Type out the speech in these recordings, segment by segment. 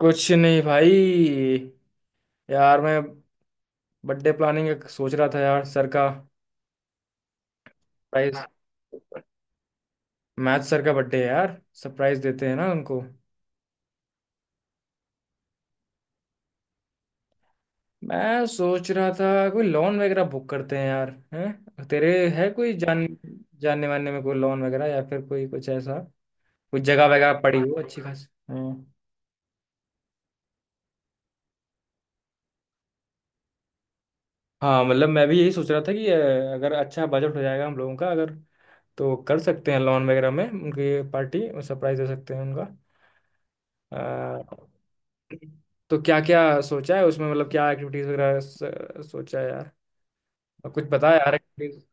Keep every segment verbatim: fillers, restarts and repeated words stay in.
कुछ नहीं भाई। यार मैं बर्थडे प्लानिंग सोच रहा था यार सर का। प्राइज मैथ सर का बर्थडे है यार। सरप्राइज देते हैं ना उनको। मैं सोच रहा था कोई लोन वगैरह बुक करते हैं यार। हैं तेरे है कोई जान जानने वानने में कोई लोन वगैरह या फिर कोई कुछ ऐसा कोई जगह वगैरह पड़ी हो अच्छी खासी। हाँ हाँ, मतलब मैं भी यही सोच रहा था कि अ, अगर अच्छा बजट हो जाएगा हम लोगों का। अगर तो कर सकते हैं लोन वगैरह में उनकी पार्टी। सरप्राइज दे सकते हैं उनका। तो क्या क्या सोचा है उसमें मतलब क्या एक्टिविटीज वगैरह स- सोचा है यार। और कुछ बता यार एक्टिविटीज।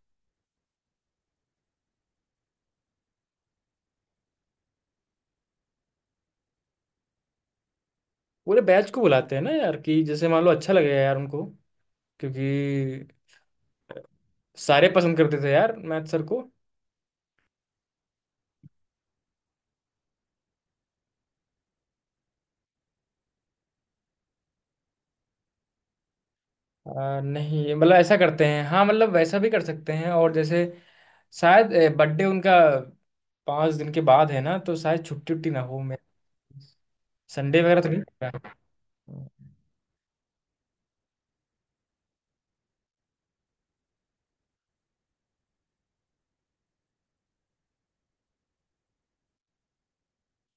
पूरे बैच को बुलाते हैं ना यार कि जैसे मान लो अच्छा लगेगा यार उनको क्योंकि सारे पसंद करते थे यार मैथ सर को। आ, नहीं मतलब ऐसा करते हैं। हाँ मतलब वैसा भी कर सकते हैं। और जैसे शायद बर्थडे उनका पाँच दिन के बाद है ना तो शायद छुट्टी उट्टी ना हो। मैं संडे वगैरह तो नहीं होगा?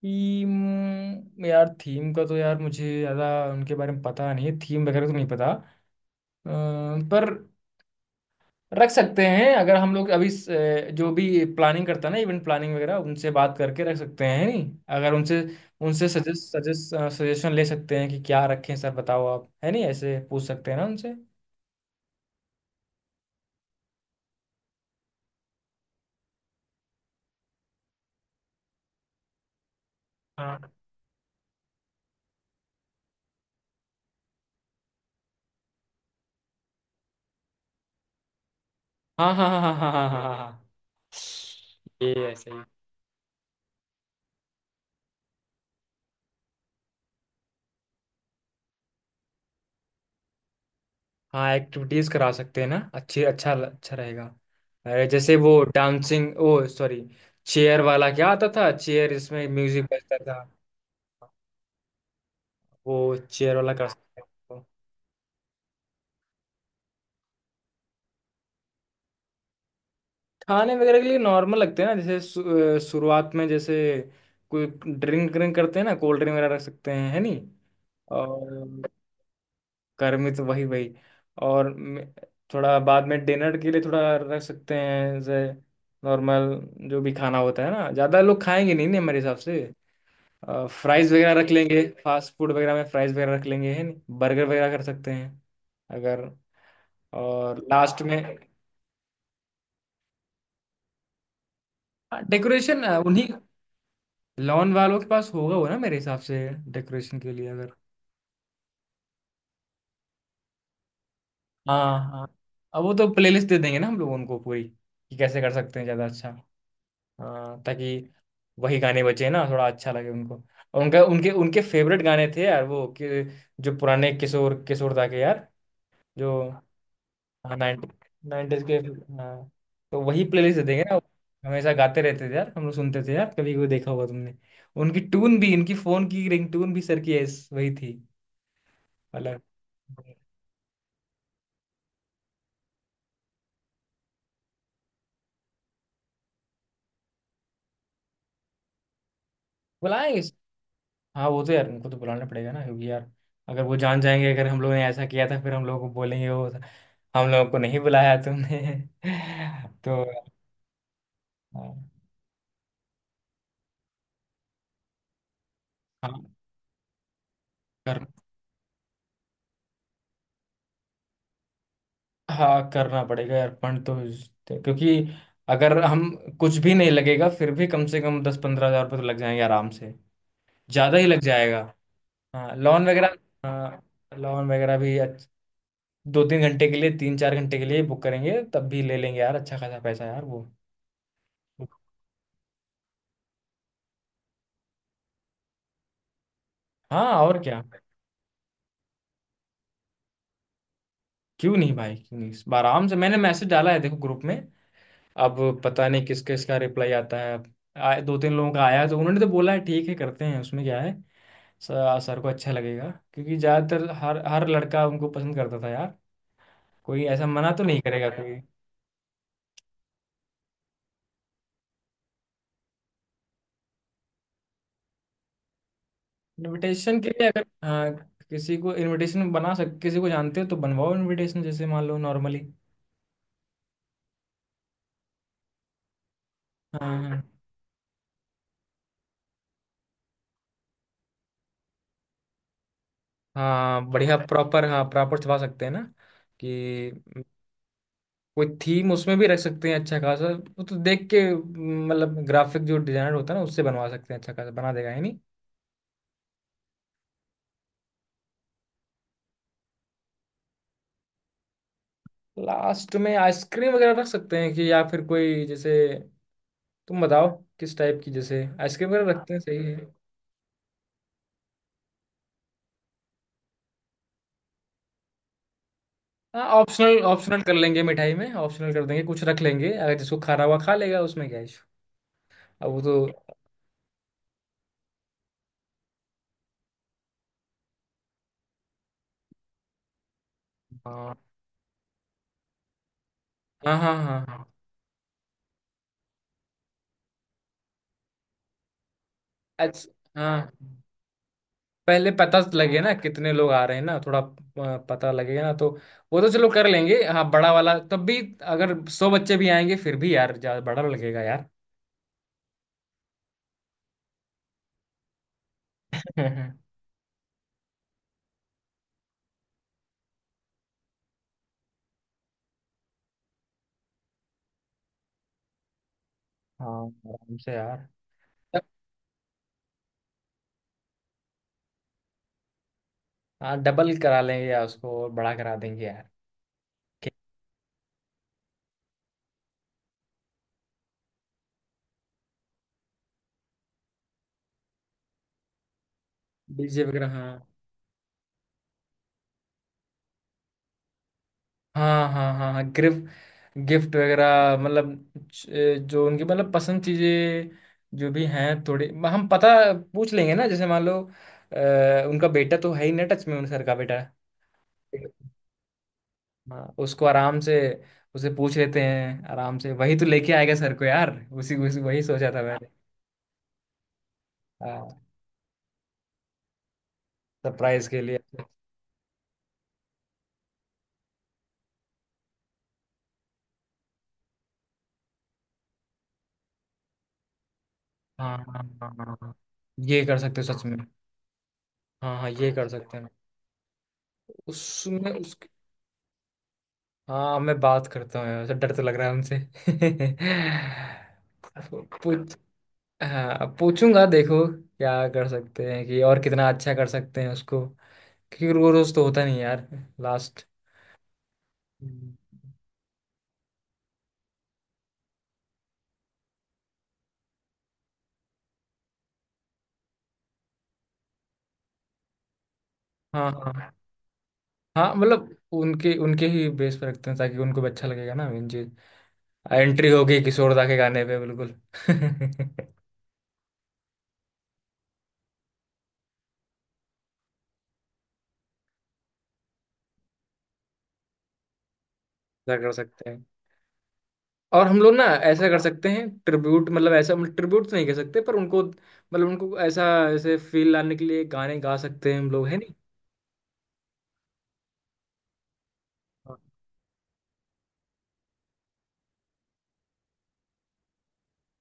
थीम यार थीम का तो यार मुझे ज़्यादा उनके बारे में पता नहीं है। थीम वगैरह तो नहीं पता। अ, पर रख सकते हैं अगर हम लोग अभी स- अ, जो भी प्लानिंग करता है ना इवेंट प्लानिंग वगैरह उनसे बात करके रख सकते हैं नहीं। अगर उनसे उनसे सजेस्ट सजेस्ट सजेशन ले सकते हैं कि क्या रखें सर बताओ आप है नहीं ऐसे पूछ सकते हैं ना उनसे। हाँ हाँ हाँ हाँ हाँ हाँ हाँ हाँ हाँ हाँ। ये ऐसे ही। हाँ एक्टिविटीज करा सकते हैं ना। अच्छी अच्छा अच्छा रहेगा। अरे, जैसे वो डांसिंग, ओ सॉरी, चेयर वाला क्या आता था। चेयर इसमें म्यूजिक बजता था। वो चेयर वाला कर सकते हैं तो। खाने वगैरह के लिए नॉर्मल लगते हैं ना। जैसे शु- अ, शुरुआत में जैसे कोई ड्रिंक ड्रिंक करते हैं ना। कोल्ड ड्रिंक वगैरह रख सकते हैं है नहीं। और घर में तो वही वही। और मे- थोड़ा बाद में डिनर के लिए थोड़ा रख सकते हैं। जैसे नॉर्मल जो भी खाना होता है ना ज्यादा लोग खाएंगे नहीं। नहीं हमारे हिसाब से फ्राइज वगैरह रख लेंगे। फास्ट फूड वगैरह में फ्राइज वगैरह रख लेंगे है नहीं। बर्गर वगैरह कर सकते हैं अगर। और लास्ट में। डेकोरेशन उन्हीं लॉन वालों के पास होगा वो ना मेरे हिसाब से। डेकोरेशन के लिए अगर हाँ। हाँ अब वो तो प्लेलिस्ट दे देंगे ना हम लोग उनको पूरी। कि कैसे कर सकते हैं ज़्यादा अच्छा। हाँ ताकि वही गाने बचे ना थोड़ा अच्छा लगे उनको। और उनका उनके उनके फेवरेट गाने थे यार वो। कि जो पुराने किशोर किशोर दा के यार जो। हाँ नाइन्टी के। हाँ तो वही प्लेलिस्ट दे देंगे ना। हमेशा गाते रहते थे यार हम लोग। सुनते थे यार कभी कोई देखा होगा तुमने। उनकी टून भी इनकी फोन की रिंगटोन भी सर की ऐस- वही थी। अलग। बुलाएंगे इस- हाँ वो तो यार उनको तो बुलाना पड़ेगा ना क्योंकि यार अगर वो जान जाएंगे अगर हम लोगों ने ऐसा किया था फिर हम लोगों को बोलेंगे वो। हम लोगों को नहीं बुलाया तुमने तो। हाँ हाँ, कर हाँ करना पड़ेगा अर्पण तो इस- क्योंकि अगर हम कुछ भी नहीं लगेगा फिर भी कम से कम दस पंद्रह हजार रुपये तो लग जाएंगे आराम से। ज्यादा ही लग जाएगा। हाँ लॉन वगैरह। हाँ लॉन वगैरह भी अच्छ- दो तीन घंटे के लिए तीन चार घंटे के लिए बुक करेंगे तब भी ले लेंगे यार अच्छा खासा पैसा यार वो। हाँ और क्या। क्यों नहीं भाई क्यों नहीं। इस बार आराम से मैंने मैसेज डाला है देखो ग्रुप में। अब पता नहीं किस किस का रिप्लाई आता है। आए दो तीन लोगों का आया है, तो उन्होंने तो बोला है ठीक है करते हैं उसमें क्या है। सर सर को अच्छा लगेगा क्योंकि ज़्यादातर हर हर लड़का उनको पसंद करता था यार। कोई ऐसा मना तो नहीं करेगा कोई। इनविटेशन के लिए अगर हाँ। किसी को इनविटेशन बना सक किसी को जानते हो तो बनवाओ इनविटेशन जैसे मान लो नॉर्मली। हाँ हाँ हाँ बढ़िया प्रॉपर हाँ प्रॉपर छुपा सकते हैं ना कि कोई थीम उसमें भी रख सकते हैं अच्छा खासा। वो तो देख के मतलब ग्राफिक जो डिजाइनर होता है ना उससे बनवा सकते हैं अच्छा खासा बना देगा है नहीं। लास्ट में आइसक्रीम वगैरह रख सकते हैं कि या फिर कोई जैसे तुम बताओ किस टाइप की जैसे आइसक्रीम वगैरह रखते हैं सही है। हाँ ऑप्शनल ऑप्शनल कर लेंगे मिठाई में। ऑप्शनल कर देंगे कुछ रख लेंगे अगर। जिसको खाना हुआ खा लेगा उसमें क्या इशू। अब वो तो। हाँ हाँ हाँ हाँ हाँ। अच्छा। हाँ पहले पता लगे ना कितने लोग आ रहे हैं ना थोड़ा अ, पता लगेगा ना तो। वो तो चलो कर लेंगे हाँ बड़ा वाला तब भी। अगर सौ बच्चे भी आएंगे फिर भी यार ज्यादा बड़ा लगेगा यार। हाँ आराम से यार। हाँ डबल करा लेंगे यार उसको और बड़ा करा देंगे यार। डीजे वगैरह हाँ। हाँ हाँ हाँ हाँ गिफ्ट गिफ्ट वगैरह मतलब च- जो उनकी मतलब पसंद चीजें जो भी हैं थोड़ी हम पता पूछ लेंगे ना। जैसे मान लो अ, उनका बेटा तो है ही ना टच में उन सर का बेटा। हाँ उसको आराम से। उसे पूछ लेते हैं आराम से वही तो लेके आएगा सर को यार उसी उसी वही सोचा था मैंने सरप्राइज के लिए। हाँ हाँ हाँ हाँ हाँ। ये कर सकते हो सच में। हाँ हाँ ये कर सकते हैं उसमें उस। हाँ मैं बात करता हूँ यार डर तो लग रहा है उनसे पूछ हाँ पूछूंगा देखो क्या कर सकते हैं कि और कितना अच्छा कर सकते हैं उसको क्योंकि रोज रोज तो होता नहीं यार। लास्ट। हम्म। हाँ हाँ हाँ मतलब उनके उनके ही बेस पर रखते हैं ताकि उनको भी अच्छा लगेगा ना। मेन चीज एंट्री होगी किशोर दा के गाने पे बिल्कुल क्या कर सकते हैं। और हम लोग ना ऐसा कर सकते हैं। ट्रिब्यूट मतलब ऐसा मतलब ट्रिब्यूट तो नहीं कर सकते पर उनको मतलब उनको ऐसा ऐसे फील लाने के लिए गाने गा सकते हैं हम लोग है नहीं। हाँ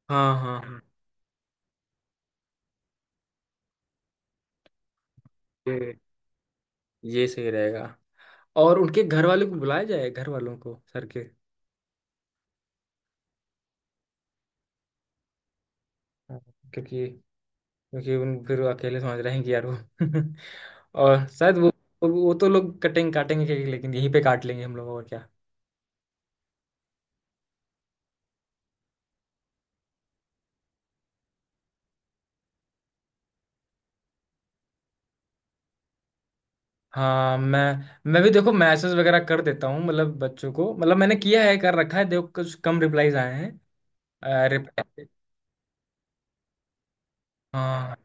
हाँ हाँ हाँ, हाँ। ये ये सही रहेगा। और उनके घर वालों को बुलाया जाए घर वालों को सर के। हाँ। क्योंकि क्योंकि उन फिर वो अकेले समझ रहे हैं कि यार वो और शायद वो वो तो लोग कटेंगे काटेंगे केक, लेकिन यहीं पे काट लेंगे हम लोगों का क्या। हाँ मैं मैं भी देखो मैसेज वगैरह कर देता हूँ मतलब बच्चों को मतलब मैंने किया है कर रखा है देखो कुछ कम रिप्लाईज आए हैं। अरे भाई, हाँ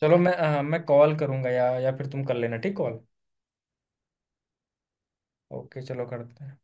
चलो मैं अ, मैं कॉल करूंगा या या फिर तुम कर लेना ठीक कॉल। ओके चलो करते हैं।